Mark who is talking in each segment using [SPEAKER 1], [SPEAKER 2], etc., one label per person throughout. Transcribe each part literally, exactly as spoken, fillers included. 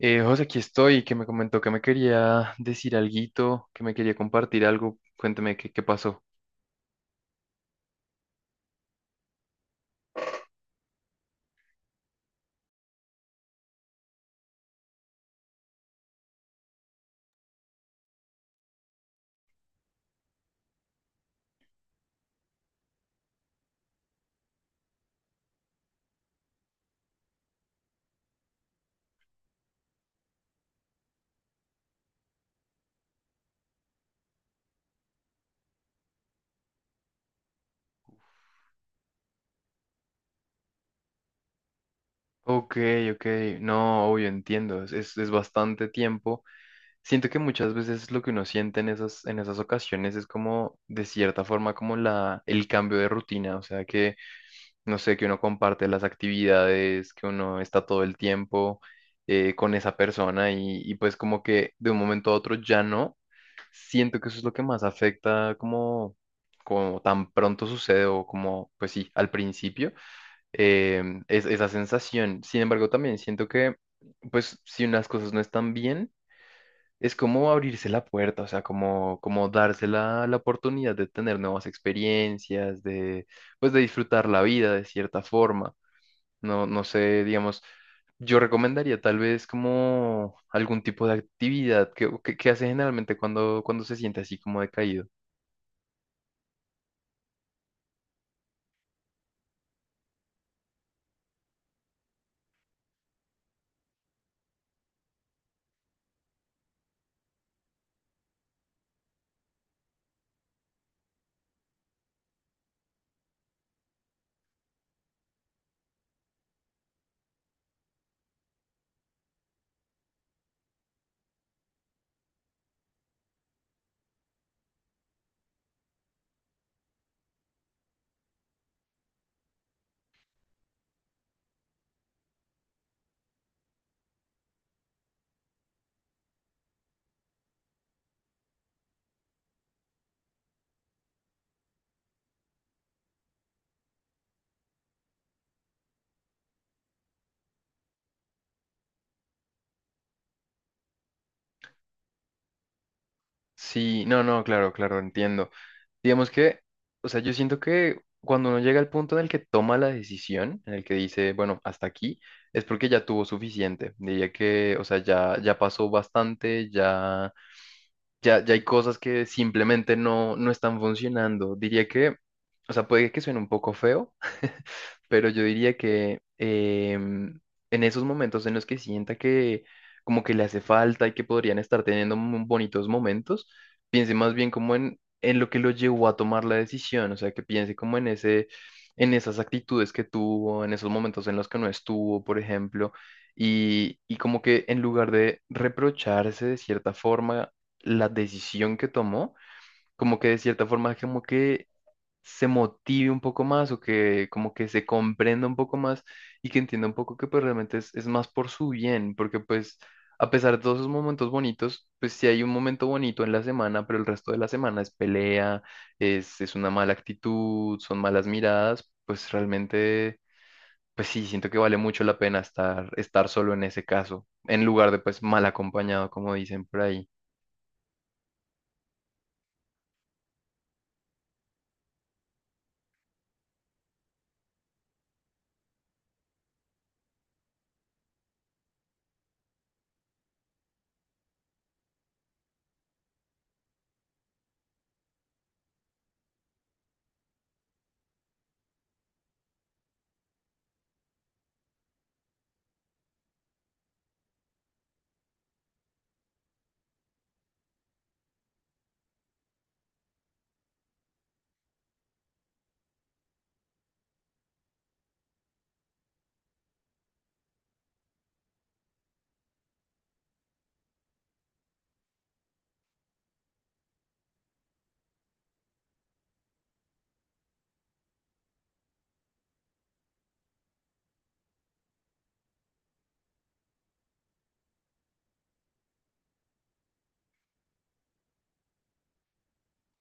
[SPEAKER 1] Eh, José, aquí estoy, que me comentó que me quería decir alguito, que me quería compartir algo. Cuénteme qué, qué pasó. Ok, ok, no, obvio, entiendo, es, es, es bastante tiempo. Siento que muchas veces lo que uno siente en esas, en esas ocasiones es como, de cierta forma, como la, el cambio de rutina, o sea, que, no sé, que uno comparte las actividades, que uno está todo el tiempo eh, con esa persona y, y pues como que de un momento a otro ya no. Siento que eso es lo que más afecta como, como tan pronto sucede o como, pues sí, al principio, em, es esa sensación. Sin embargo, también siento que, pues si unas cosas no están bien, es como abrirse la puerta, o sea, como, como darse la, la oportunidad de tener nuevas experiencias, de, pues de disfrutar la vida de cierta forma. No, no sé, digamos, yo recomendaría tal vez como algún tipo de actividad que, que, que hace generalmente cuando, cuando se siente así como decaído. Sí, no, no, claro, claro, entiendo. Digamos que, o sea, yo siento que cuando uno llega al punto en el que toma la decisión, en el que dice, bueno, hasta aquí, es porque ya tuvo suficiente. Diría que, o sea, ya, ya pasó bastante, ya ya, ya hay cosas que simplemente no, no están funcionando. Diría que, o sea, puede que suene un poco feo, pero yo diría que em, en esos momentos en los que sienta que como que le hace falta y que podrían estar teniendo mu- bonitos momentos, piense más bien como en, en lo que lo llevó a tomar la decisión, o sea, que piense como en ese, en esas actitudes que tuvo, en esos momentos en los que no estuvo, por ejemplo. Y, y como que en lugar de reprocharse de cierta forma la decisión que tomó, como que de cierta forma como que se motive un poco más o que como que se comprenda un poco más y que entienda un poco que pues realmente es, es más por su bien, porque pues a pesar de todos esos momentos bonitos, pues sí hay un momento bonito en la semana, pero el resto de la semana es pelea, es, es una mala actitud, son malas miradas, pues realmente, pues sí, siento que vale mucho la pena estar, estar solo en ese caso, en lugar de pues mal acompañado, como dicen por ahí.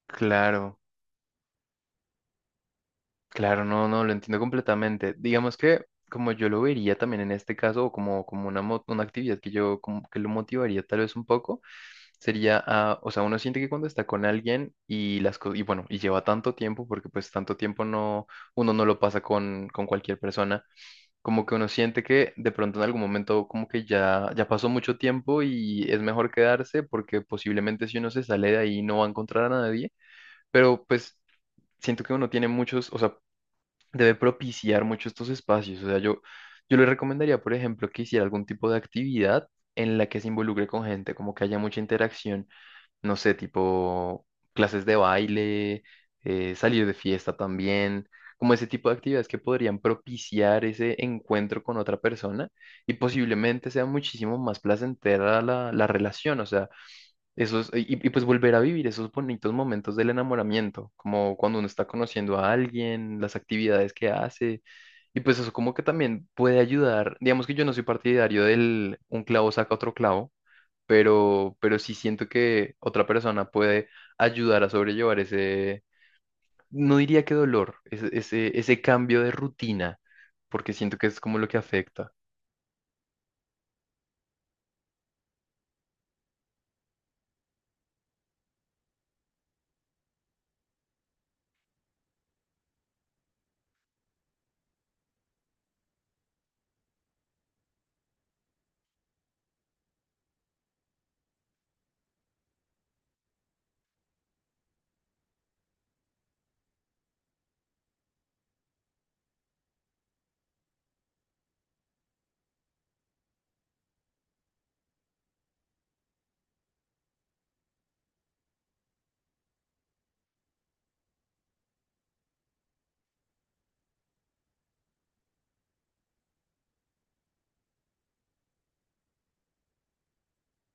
[SPEAKER 1] Claro. Claro, no, no, lo entiendo completamente. Digamos que como yo lo vería también en este caso, o como, como una, mo- una actividad que yo como que lo motivaría tal vez un poco, sería, ah, o sea, uno siente que cuando está con alguien y las cosas, y bueno, y lleva tanto tiempo, porque pues tanto tiempo no, uno no lo pasa con, con cualquier persona, como que uno siente que de pronto en algún momento como que ya, ya pasó mucho tiempo y es mejor quedarse porque posiblemente si uno se sale de ahí no va a encontrar a nadie, pero pues siento que uno tiene muchos, o sea, debe propiciar mucho estos espacios. O sea, yo, yo le recomendaría, por ejemplo, que hiciera algún tipo de actividad en la que se involucre con gente, como que haya mucha interacción, no sé, tipo clases de baile, eh, salir de fiesta también, como ese tipo de actividades que podrían propiciar ese encuentro con otra persona y posiblemente sea muchísimo más placentera la, la relación. O sea, esos, y, y pues volver a vivir esos bonitos momentos del enamoramiento, como cuando uno está conociendo a alguien, las actividades que hace, y pues eso como que también puede ayudar. Digamos que yo no soy partidario del un clavo saca otro clavo, pero, pero sí siento que otra persona puede ayudar a sobrellevar ese, no diría que dolor, ese, ese, ese cambio de rutina, porque siento que es como lo que afecta.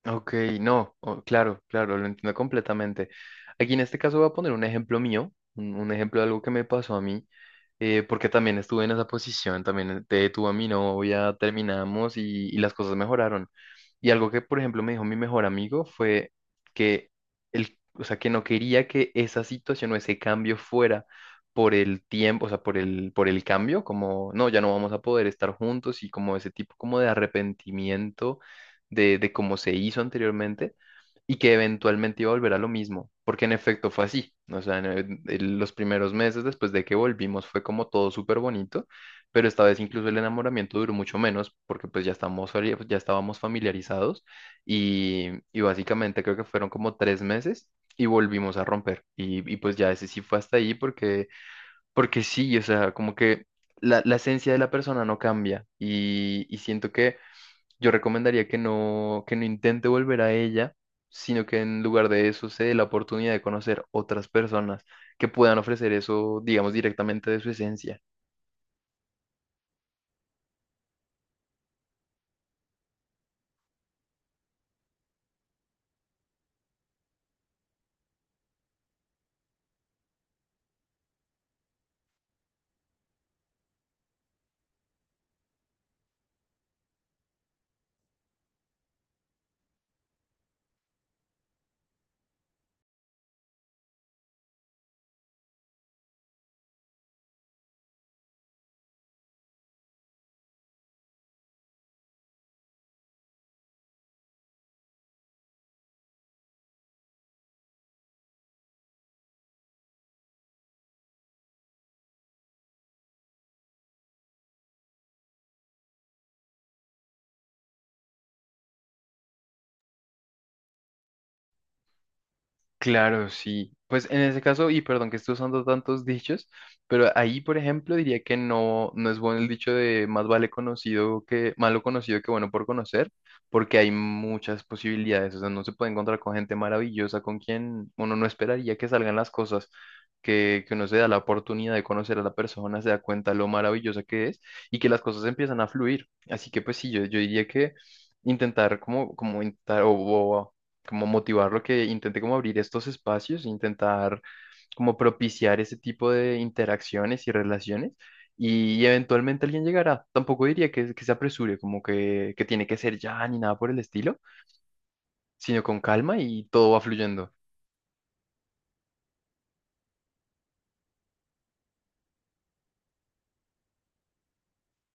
[SPEAKER 1] Ok, no, oh, claro, claro, lo entiendo completamente. Aquí en este caso voy a poner un ejemplo mío, un, un ejemplo de algo que me pasó a mí eh, porque también estuve en esa posición, también te detuve a mi novia, terminamos y, y las cosas mejoraron. Y algo que, por ejemplo, me dijo mi mejor amigo fue que él, o sea, que no quería que esa situación o ese cambio fuera por el tiempo, o sea, por el, por el cambio, como, no, ya no vamos a poder estar juntos y como ese tipo como de arrepentimiento de, de cómo se hizo anteriormente y que eventualmente iba a volver a lo mismo, porque en efecto fue así. O sea, en, en- en los primeros meses después de que volvimos fue como todo súper bonito, pero esta vez incluso el enamoramiento duró mucho menos porque pues ya estamos, fali- ya estábamos familiarizados y, y básicamente creo que fueron como tres meses y volvimos a romper. Y, y pues ya ese sí fue hasta ahí porque, porque sí, o sea, como que la, la esencia de la persona no cambia y, y siento que... Yo recomendaría que no, que no intente volver a ella, sino que en lugar de eso se dé la oportunidad de conocer otras personas que puedan ofrecer eso, digamos, directamente de su esencia. Claro, sí. Pues en ese caso, y perdón que estoy usando tantos dichos, pero ahí, por ejemplo, diría que no, no es bueno el dicho de más vale conocido que, malo conocido que bueno por conocer, porque hay muchas posibilidades. O sea, no se puede encontrar con gente maravillosa con quien uno no esperaría que salgan las cosas, que, que uno se da la oportunidad de conocer a la persona, se da cuenta lo maravillosa que es y que las cosas empiezan a fluir. Así que pues sí, yo, yo diría que intentar como, como intentar o, o como motivarlo que intente como abrir estos espacios, intentar como propiciar ese tipo de interacciones y relaciones y eventualmente alguien llegará. Tampoco diría que, que se apresure, como que, que tiene que ser ya ni nada por el estilo, sino con calma y todo va fluyendo.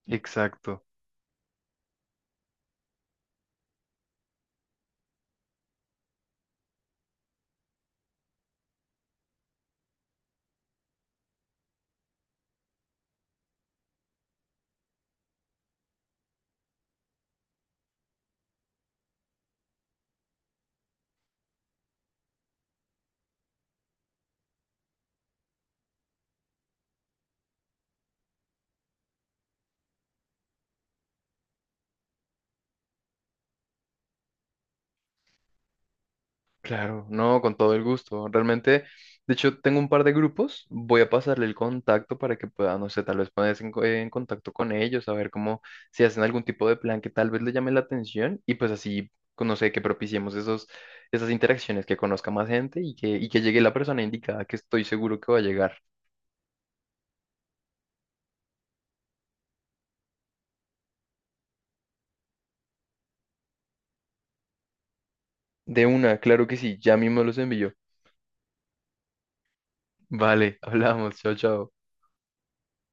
[SPEAKER 1] Exacto. Claro, no, con todo el gusto. Realmente, de hecho, tengo un par de grupos. Voy a pasarle el contacto para que pueda, no sé, tal vez ponerse en, co- en contacto con ellos, a ver cómo, si hacen algún tipo de plan que tal vez le llame la atención y pues así, con- no sé, que propiciemos esos, esas interacciones, que conozca más gente y que, y que llegue la persona indicada, que estoy seguro que va a llegar. De una, claro que sí, ya mismo los envío. Vale, hablamos, chao, chao.